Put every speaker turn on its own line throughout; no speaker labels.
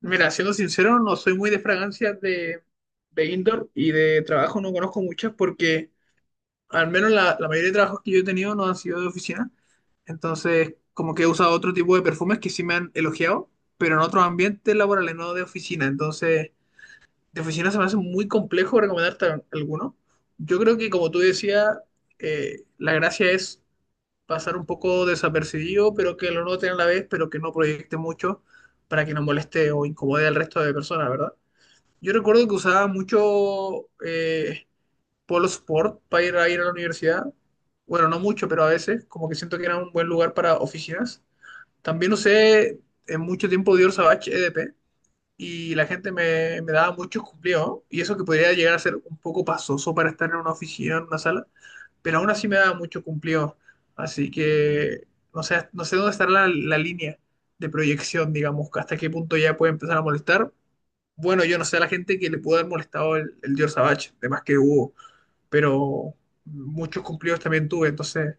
Mira, siendo sincero, no soy muy de fragancias de indoor y de trabajo no conozco muchas porque al menos la mayoría de trabajos que yo he tenido no han sido de oficina. Entonces, como que he usado otro tipo de perfumes que sí me han elogiado, pero en otros ambientes laborales, no de oficina. Entonces, de oficina se me hace muy complejo recomendarte alguno. Yo creo que, como tú decías, la gracia es pasar un poco desapercibido, pero que lo noten a la vez, pero que no proyecte mucho para que no moleste o incomode al resto de personas, ¿verdad? Yo recuerdo que usaba mucho Polo Sport para ir ir a la universidad. Bueno, no mucho, pero a veces, como que siento que era un buen lugar para oficinas. También usé en mucho tiempo Dior Savage EDP y la gente me daba muchos cumplidos. Y eso que podría llegar a ser un poco pasoso para estar en una oficina, en una sala, pero aún así me daba mucho cumplidos. Así que no sé, no sé dónde estará la línea de proyección, digamos, hasta qué punto ya puede empezar a molestar, bueno, yo no sé a la gente que le pudo haber molestado el George Savage, de más que hubo, pero muchos cumplidos también tuve, entonces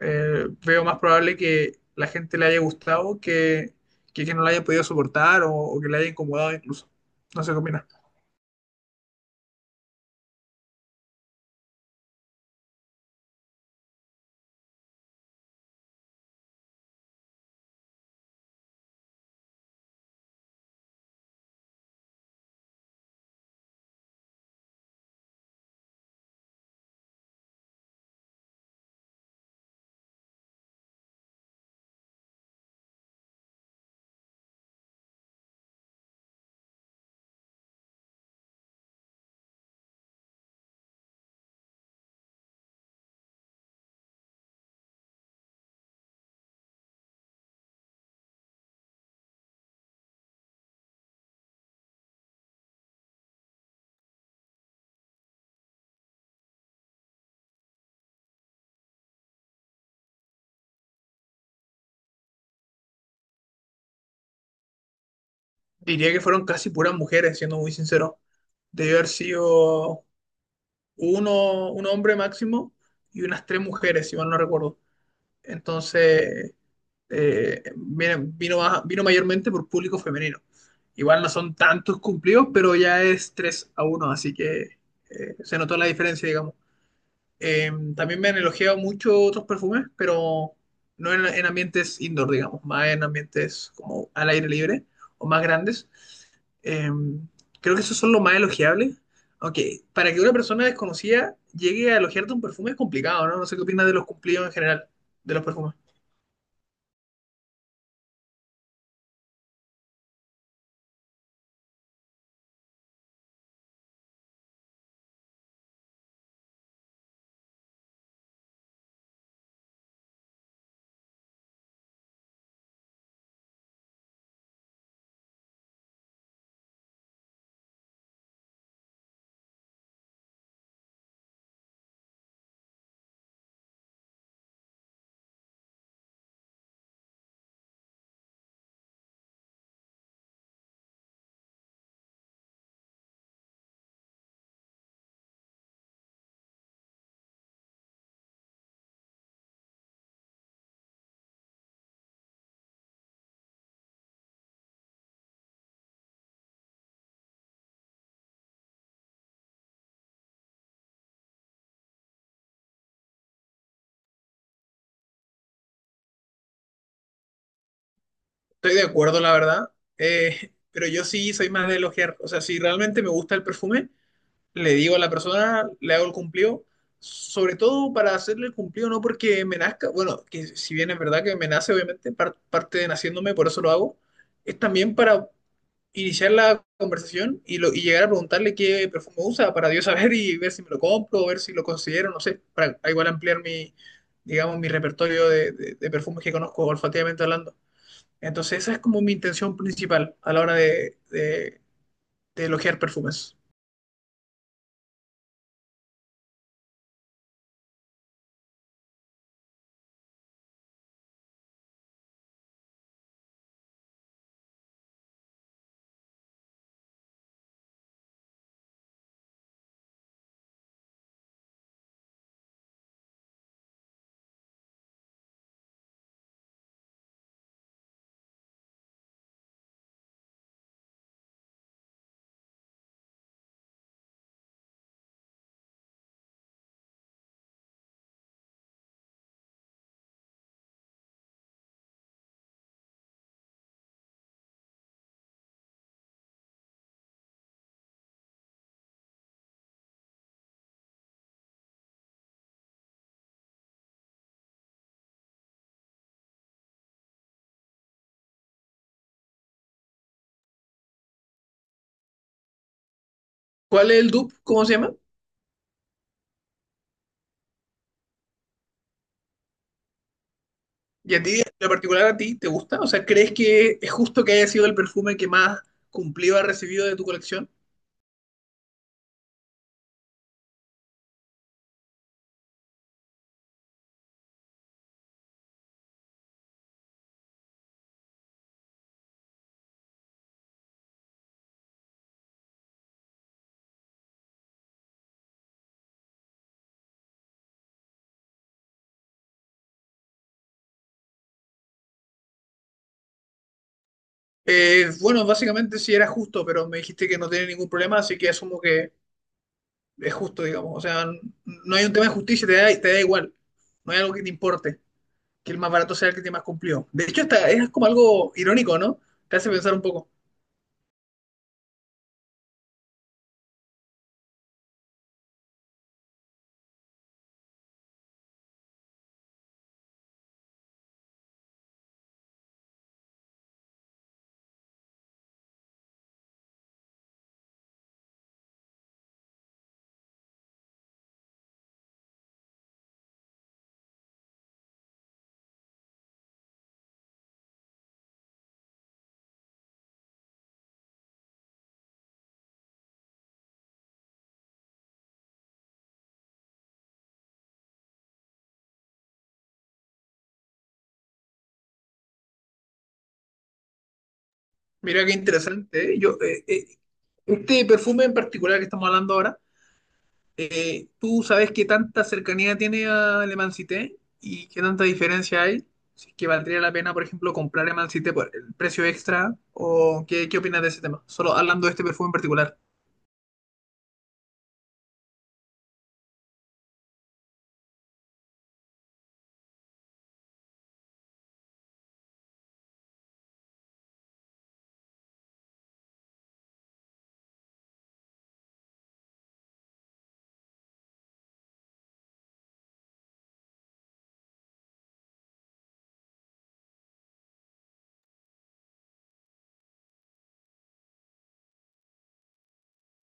veo más probable que la gente le haya gustado que no la haya podido soportar o que le haya incomodado incluso. No sé qué opinas. Diría que fueron casi puras mujeres, siendo muy sincero. Debió haber sido un hombre máximo y unas tres mujeres, si mal no recuerdo. Entonces, vino mayormente por público femenino. Igual no son tantos cumplidos, pero ya es 3 a uno, así que se notó la diferencia, digamos. Eh, también me han elogiado mucho otros perfumes, pero no en ambientes indoor, digamos, más en ambientes como al aire libre o más grandes. Eh, creo que esos son los más elogiables. Aunque para que una persona desconocida llegue a elogiarte un perfume es complicado, ¿no? No sé qué opinas de los cumplidos en general, de los perfumes. Estoy de acuerdo, la verdad. Pero yo sí soy más de elogiar. O sea, si realmente me gusta el perfume, le digo a la persona, le hago el cumplido. Sobre todo para hacerle el cumplido, no porque me nazca. Bueno, que si bien es verdad que me nace, obviamente, parte de naciéndome, por eso lo hago. Es también para iniciar la conversación y, lo, y llegar a preguntarle qué perfume usa, para Dios saber y ver si me lo compro, o ver si lo considero, no sé. Para igual ampliar mi, digamos, mi repertorio de perfumes que conozco olfativamente hablando. Entonces, esa es como mi intención principal a la hora de elogiar perfumes. ¿Cuál es el dupe? ¿Cómo se llama? ¿Y a ti, en lo particular, a ti te gusta? O sea, ¿crees que es justo que haya sido el perfume que más cumplido ha recibido de tu colección? Bueno, básicamente sí era justo, pero me dijiste que no tiene ningún problema, así que asumo que es justo, digamos. O sea, no hay un tema de justicia, te da igual. No hay algo que te importe, que el más barato sea el que te más cumplió. De hecho, hasta es como algo irónico, ¿no? Te hace pensar un poco. Mira qué interesante, ¿eh? Este perfume en particular que estamos hablando ahora, ¿tú sabes qué tanta cercanía tiene a Le Man Cité y qué tanta diferencia hay? Si es que valdría la pena, por ejemplo, comprar Le Man Cité por el precio extra, o qué, qué opinas de ese tema, solo hablando de este perfume en particular.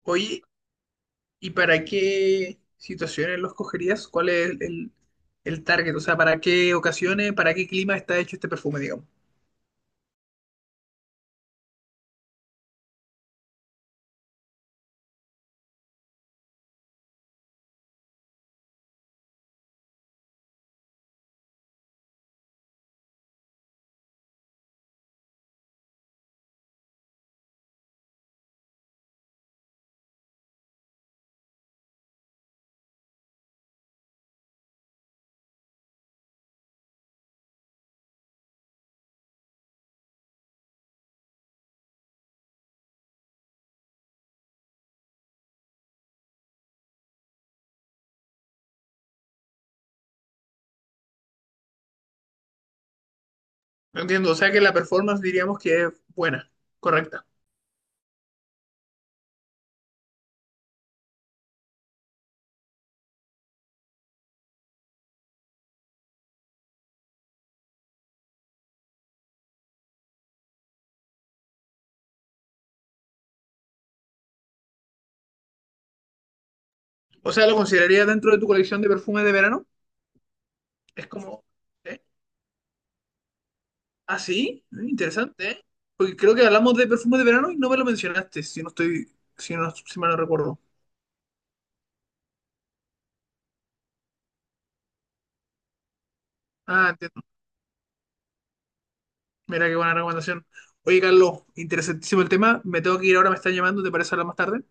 Oye, ¿y para qué situaciones lo escogerías? ¿Cuál es el target? O sea, ¿para qué ocasiones, para qué clima está hecho este perfume, digamos? No entiendo, o sea que la performance diríamos que es buena, correcta. O sea, ¿lo considerarías dentro de tu colección de perfumes de verano? Es como, ¿eh? ¿Ah, sí? Mm, interesante, ¿eh? Porque creo que hablamos de perfumes de verano y no me lo mencionaste, si no estoy, si no, si mal no recuerdo. Ah, entiendo. Mira qué buena recomendación. Oye, Carlos, interesantísimo el tema. Me tengo que ir ahora, me están llamando, ¿te parece hablar más tarde?